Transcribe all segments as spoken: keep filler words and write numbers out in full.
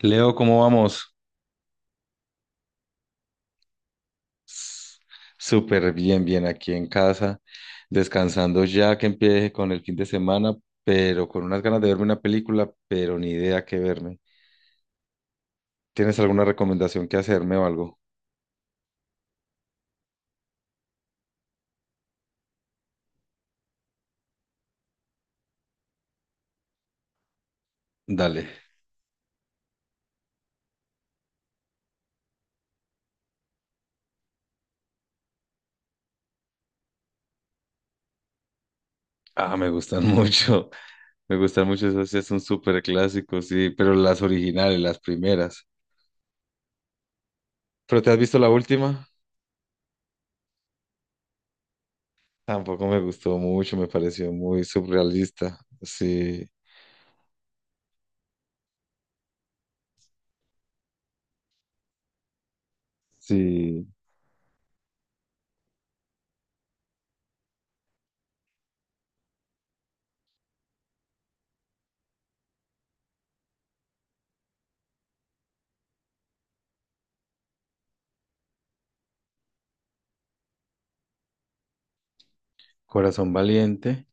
Leo, ¿cómo vamos? S- Súper bien, bien aquí en casa, descansando ya que empiece con el fin de semana, pero con unas ganas de verme una película, pero ni idea qué verme. ¿Tienes alguna recomendación que hacerme o algo? Dale. Ah, me gustan mucho, me gustan mucho esas, sí, son súper clásicos, sí, pero las originales, las primeras. ¿Pero te has visto la última? Tampoco me gustó mucho, me pareció muy surrealista. Sí, sí, Corazón Valiente.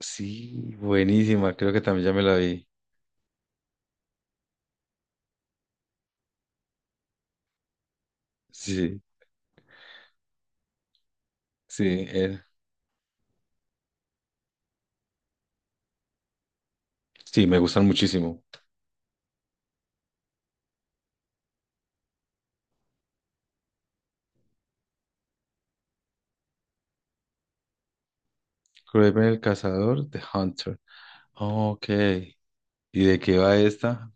Sí, buenísima, creo que también ya me la vi. Sí, sí, eh, sí, me gustan muchísimo. Kraven el cazador, The Hunter. Ok, ¿y de qué va esta?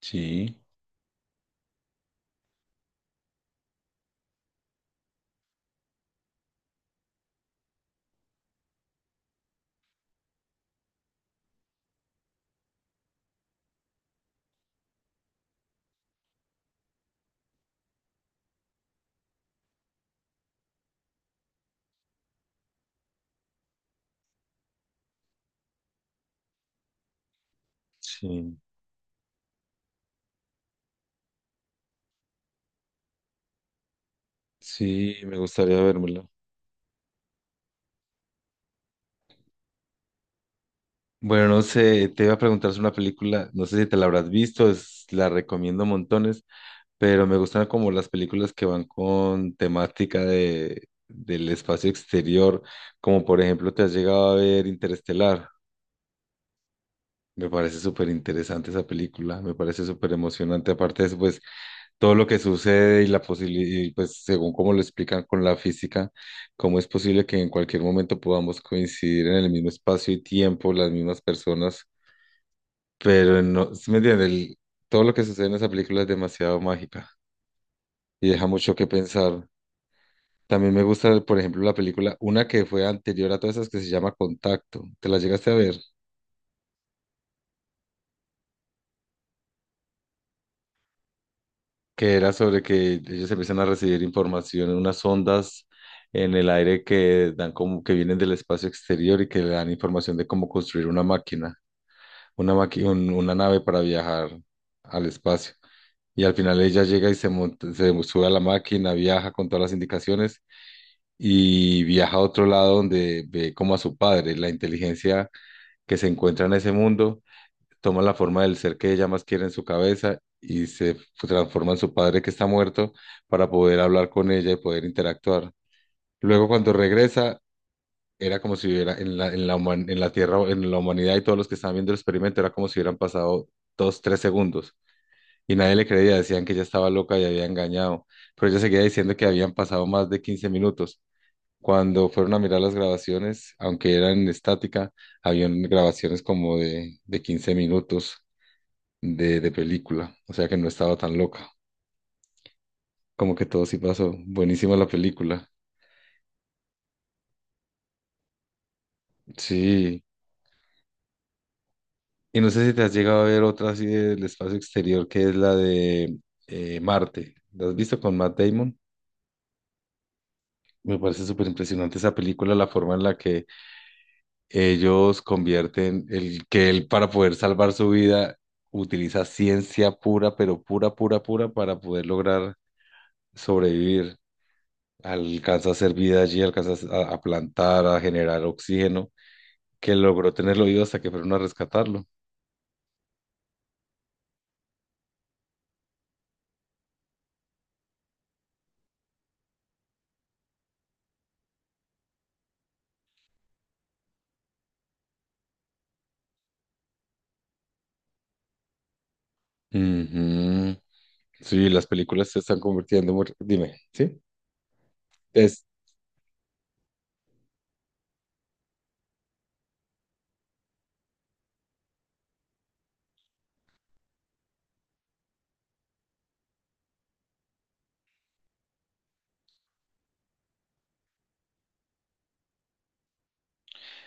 Sí, sí, sí, me gustaría vérmela. Bueno, no sé, te iba a preguntar sobre una película, no sé si te la habrás visto, es- la recomiendo montones, pero me gustan como las películas que van con temática de, del espacio exterior, como por ejemplo, ¿te has llegado a ver Interestelar? Me parece súper interesante esa película, me parece súper emocionante. Aparte de eso, pues todo lo que sucede y la posibilidad, pues según cómo lo explican con la física, cómo es posible que en cualquier momento podamos coincidir en el mismo espacio y tiempo, las mismas personas, pero no, ¿sí me entiendes? El- todo lo que sucede en esa película es demasiado mágica y deja mucho que pensar. También me gusta, por ejemplo, la película, una que fue anterior a todas esas que se llama Contacto. ¿Te la llegaste a ver? Que era sobre que ellos empiezan a recibir información en unas ondas en el aire que dan como que vienen del espacio exterior y que le dan información de cómo construir una máquina, una maqui- un- una nave para viajar al espacio. Y al final ella llega y se monta, se sube a la máquina, viaja con todas las indicaciones y viaja a otro lado donde ve como a su padre, la inteligencia que se encuentra en ese mundo toma la forma del ser que ella más quiere en su cabeza y se transforma en su padre que está muerto para poder hablar con ella y poder interactuar. Luego cuando regresa, era como si hubiera en la, en la, human- en la Tierra, en la humanidad y todos los que estaban viendo el experimento, era como si hubieran pasado dos, tres segundos. Y nadie le creía, decían que ella estaba loca y había engañado. Pero ella seguía diciendo que habían pasado más de quince minutos. Cuando fueron a mirar las grabaciones, aunque eran estática, habían grabaciones como de, de quince minutos de, de película, o sea que no estaba tan loca, como que todo sí pasó, buenísima la película. Sí, y no sé si te has llegado a ver otra así del espacio exterior que es la de eh, Marte, ¿la has visto con Matt Damon? Me parece súper impresionante esa película, la forma en la que ellos convierten el que él para poder salvar su vida utiliza ciencia pura, pero pura, pura, pura para poder lograr sobrevivir. Alcanza a hacer vida allí, alcanza a a plantar, a generar oxígeno que logró tenerlo vivo hasta que fueron a rescatarlo. Ujú. Sí, las películas se están convirtiendo muy. Dime, ¿sí? Es,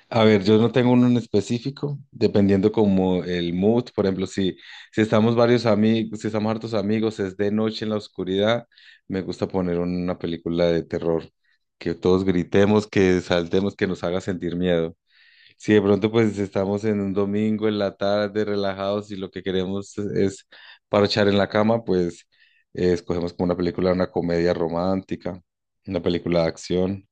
a ver, yo no tengo uno en específico, dependiendo como el mood. Por ejemplo, si, si estamos varios amigos, si estamos hartos amigos, es de noche en la oscuridad, me gusta poner una película de terror, que todos gritemos, que saltemos, que nos haga sentir miedo. Si de pronto pues estamos en un domingo en la tarde relajados y lo que queremos es parchar en la cama, pues eh, escogemos como una película, una comedia romántica, una película de acción.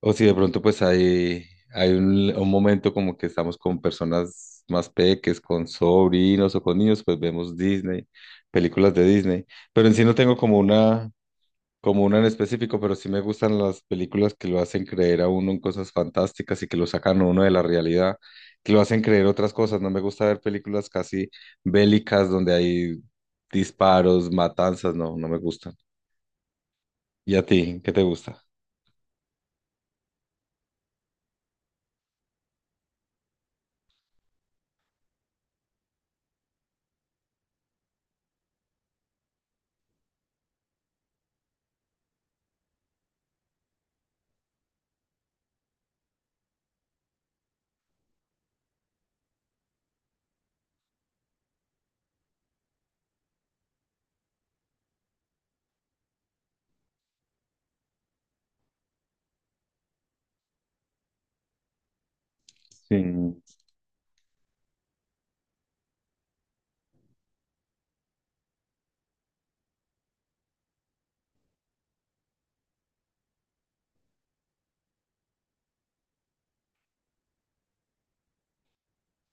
O si de pronto pues hay, hay un, un momento como que estamos con personas más peques, con sobrinos o con niños, pues vemos Disney, películas de Disney. Pero en sí no tengo como una, como uno en específico, pero sí me gustan las películas que lo hacen creer a uno en cosas fantásticas y que lo sacan a uno de la realidad, que lo hacen creer otras cosas. No me gusta ver películas casi bélicas donde hay disparos, matanzas, no, no me gustan. ¿Y a ti? ¿Qué te gusta? Sí,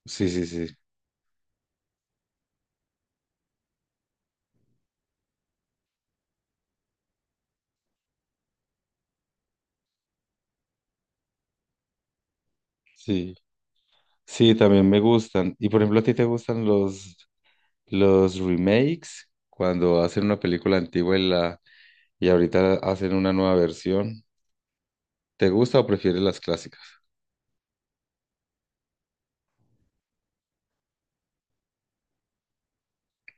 sí, sí, sí, sí. Sí, también me gustan. Y por ejemplo, ¿a ti te gustan los, los remakes? Cuando hacen una película antigua y, la, y ahorita hacen una nueva versión. ¿Te gusta o prefieres las clásicas?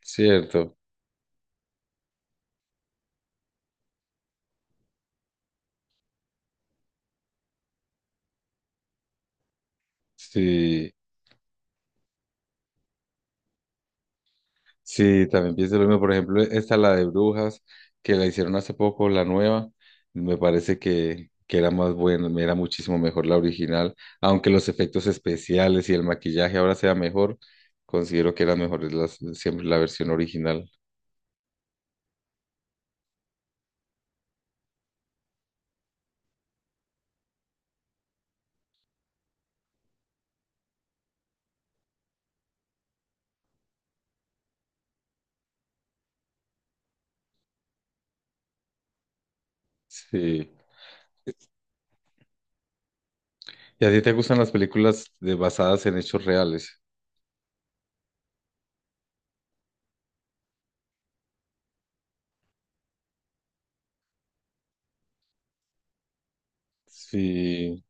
Cierto. Sí, sí, también pienso lo mismo. Por ejemplo, esta la de Brujas, que la hicieron hace poco, la nueva, me parece que, que era más buena, era muchísimo mejor la original. Aunque los efectos especiales y el maquillaje ahora sea mejor, considero que era mejor las, siempre la versión original. Sí. ¿Y a ti te gustan las películas de, basadas en hechos reales? Sí.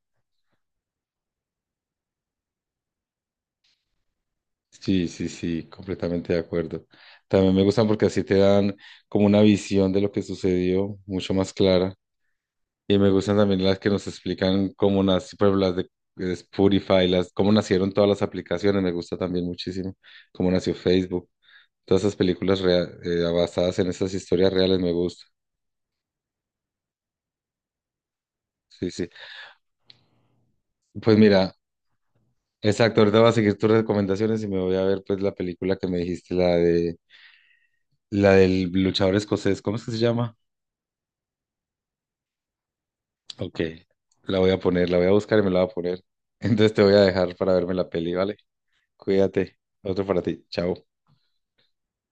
Sí, sí, sí, completamente de acuerdo. También me gustan porque así te dan como una visión de lo que sucedió mucho más clara. Y me gustan también las que nos explican cómo nació, por ejemplo, las de de Spotify, las, cómo nacieron todas las aplicaciones. Me gusta también muchísimo cómo nació Facebook. Todas esas películas rea- eh, basadas en esas historias reales me gusta. Sí, sí. Pues mira, exacto, ahorita voy a seguir tus recomendaciones y me voy a ver pues la película que me dijiste, la de la del luchador escocés. ¿Cómo es que se llama? Ok, la voy a poner, la voy a buscar y me la voy a poner. Entonces te voy a dejar para verme la peli, ¿vale? Cuídate. Otro para ti. Chao.